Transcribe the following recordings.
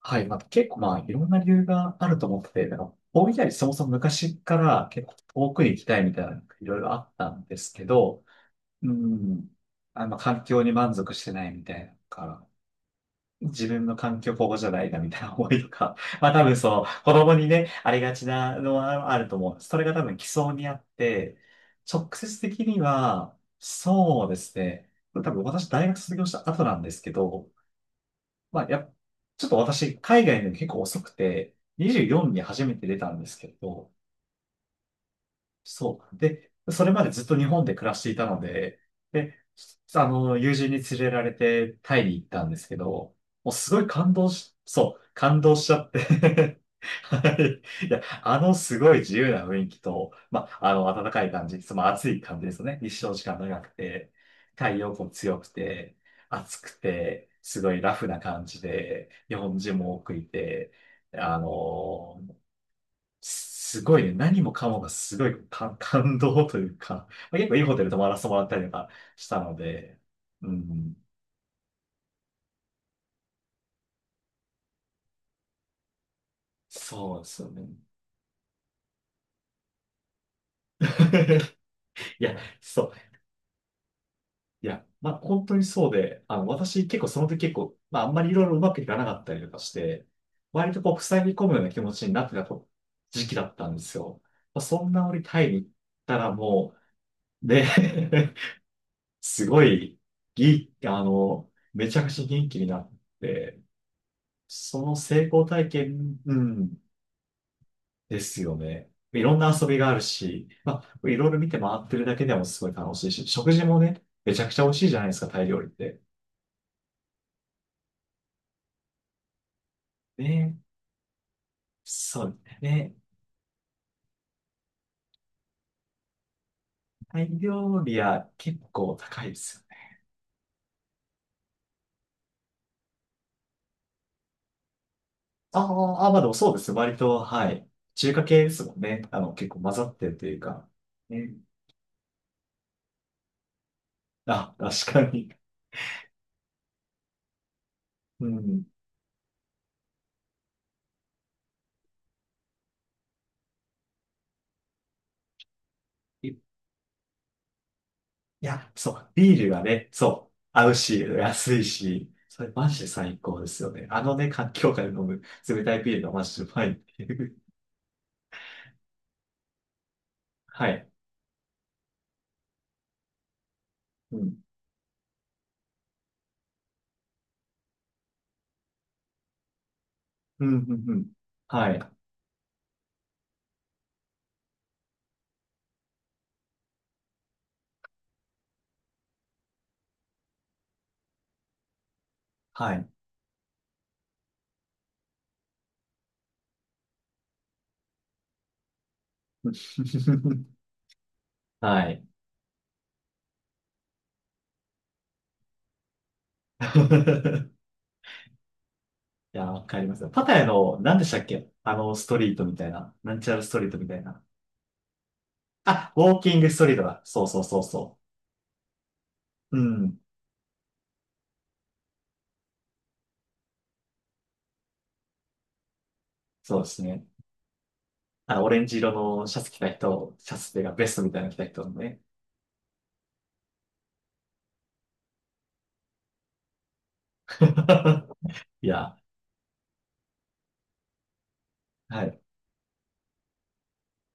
はい。まあ、結構まあ、いろんな理由があると思ってて、なんか、大分よりそもそも昔から結構遠くに行きたいみたいな、いろいろあったんですけど、うん。環境に満足してないみたいなのから、自分の環境ここじゃないなみたいな思いとか、まあ多分その、子供にね、ありがちなのはあると思う。それが多分基礎にあって、直接的には、そうですね。多分私大学卒業した後なんですけど、まあ、ちょっと私、海外で結構遅くて、24に初めて出たんですけど、そう。で、それまでずっと日本で暮らしていたので、で、友人に連れられてタイに行ったんですけど、もうすごい感動し、そう、感動しちゃってはい。 いや、あのすごい自由な雰囲気と、まあ、あの暖かい感じ、その暑い感じですよね。日照時間長くて、太陽光強くて、暑くて、すごいラフな感じで、日本人も多くいて、あのすごいね、何もかもがすごい感、感動というか、まあ、結構いいホテル泊まらせてもらったりとかしたので、うん、そうですよね。いや、そう。いや、まあ、本当にそうで、あの、私結構その時結構、まあ、あんまりいろいろうまくいかなかったりとかして、割とこう、塞ぎ込むような気持ちになってたと時期だったんですよ。まあ、そんな折タイに行ったらもう、で、すごい、ぎ、あの、めちゃくちゃ元気になって、その成功体験、うん、ですよね。いろんな遊びがあるし、まあ、いろいろ見て回ってるだけでもすごい楽しいし、食事もね、めちゃくちゃ美味しいじゃないですか、タイ料理って。ね、そうですね。タイ料理は結構高いですよね。あー、あー、あ、まあでもそうですよ。割と、はい。中華系ですもんね。あの、結構混ざってるというか。ね。あ、確かに。うん。いいや、そう。ビールがね、そう。合うし、安いし。それマジで最高ですよね。あのね、環境下で飲む冷たいビールがマジでうまいっていう。はい。うん。うん、うん、うん。はい。はい。はい。いやー、わかりますよ。パタヤの、何でしたっけあの、ストリートみたいな。なんちゃらストリートみたいな。あ、ウォーキングストリートだ。そう、そう、そう、そう。うん。そうですね。あの、オレンジ色のシャツ着た人、シャツっていうかベストみたいなの着た人のね。いや、はい。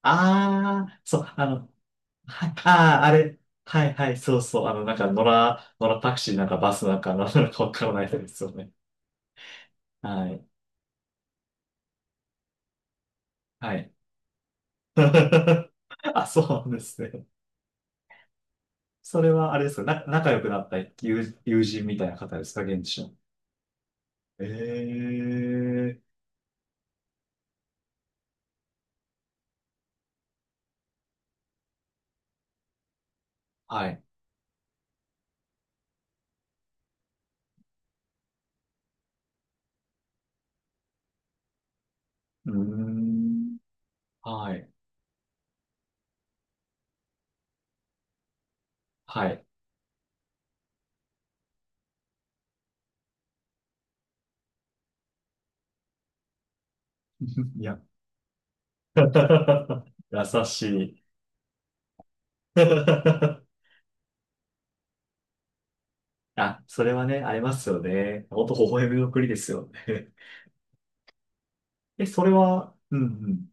ああ、そう、あの、はい、ああ、あれ。はい、はい、そう、そう。あの、なんか、野良タクシーなんかバスなんか、なんなのかわからないですよね。はい。はい。あ、そうなんですね。それはあれですかな、仲良くなった友、友人みたいな方ですか、現地の。ええ、はい。うーん。はい。はい。いや、優しい。あ、それはね、ありますよね。ほんと微笑みの国ですよね。え、それは、うん、うん。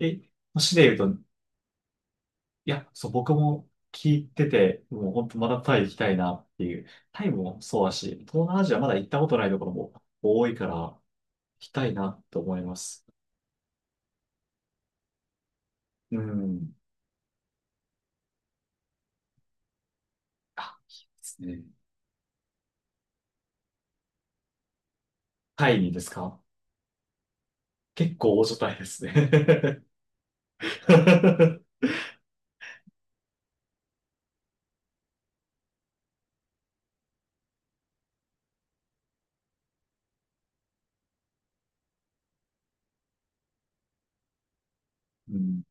え、市で言うといや、そう、僕も聞いてて、もう本当まだタイ行きたいなっていう。タイもそうだし、東南アジアまだ行ったことないところも多いから、行きたいなと思います。うん。あ、ですね。タイにですか。結構大所帯ですね。うん。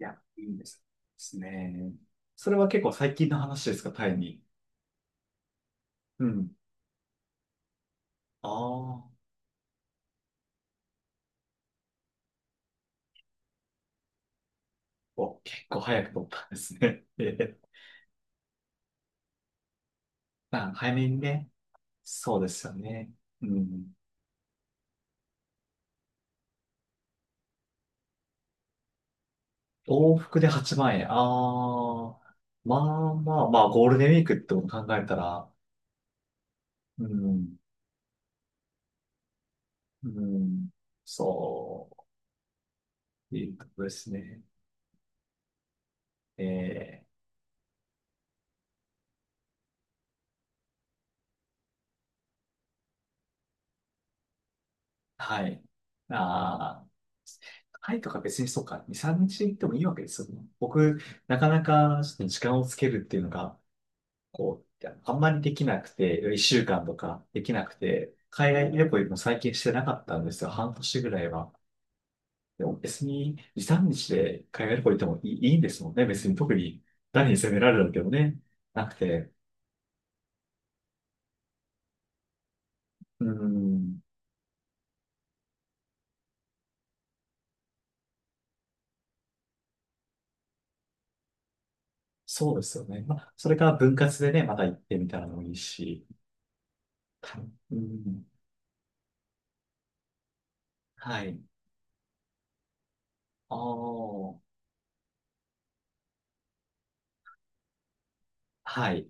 いや、いいんですですね。それは結構最近の話ですか、タイに。うん。ああ、お、結構早く取ったんですね。ええ、まあ、早めにね。そうですよね。うん。往復で8万円。ああ、まあ、まあ、まあ、ゴールデンウィークってこと考えたら、うん、うん、そう、いうことですね。ええ、はい。ああ、タイとか別にそうか、2、3日行ってもいいわけですよね。僕、なかなかちょっと時間をつけるっていうのが、こう、あんまりできなくて、1週間とかできなくて、海外旅行も最近してなかったんですよ。半年ぐらいは。でも別に、時短日で海外旅行行ってもいい、いいんですもんね。別に特に誰に責められるわけでもね、なくて。うーん、そうですよね。まあ、それから分割でね、また行ってみたらもいいし。た、うん、はい。ああ、はい。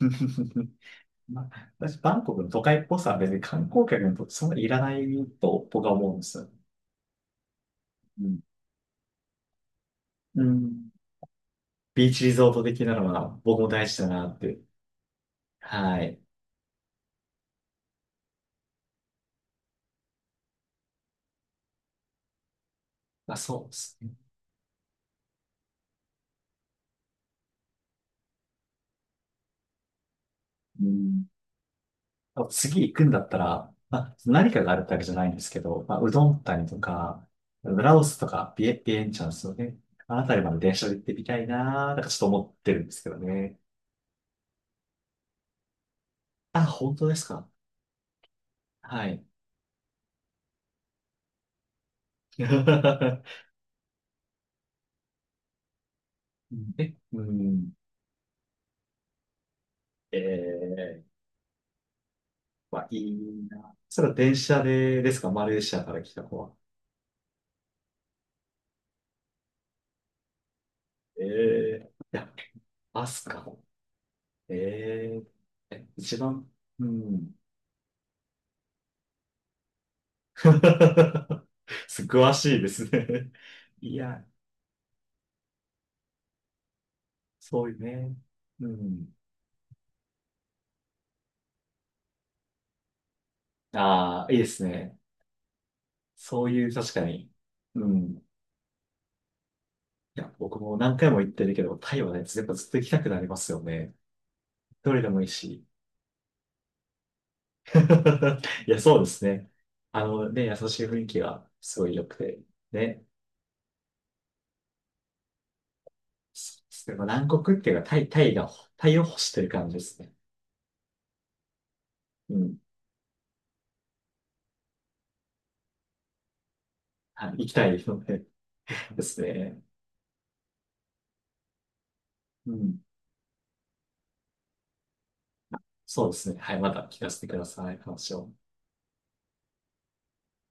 まあ、私、バンコクの都会っぽさは別に観光客にとってそんなにいらないと僕は思うんですよ。うん。うん、ビーチリゾート的なのは僕も大事だなって。はい。まあ、そうですね。うん、もう次行くんだったら、まあ、何かがあるってわけじゃないんですけど、まあ、うどん谷とか、ラオスとか、ビエンチャンスをね、あの辺りまで電車で行ってみたいなー、なんかちょっと思ってるんですけどね。あ、本当ですか。はい。え、うん、えー、まあいいな。それは電車でですか、マレーシアから来た子は。えー、いや、バスか。えー、え、一番、うん。す、詳しいですね。いや、そういうね。うん。ああ、いいですね。そういう、確かに。うん。いや、僕も何回も言ってるけど、タイはね、やっぱずっと行きたくなりますよね。どれでもいいし。いや、そうですね。あのね、優しい雰囲気がすごい良くて。ね。そうですね。まあ南国っていうか、タイ、タイが、タイを欲してる感じですね。うん。はい、行きたいのでですね。うん。そうですね。はい、また聞かせてください、話を。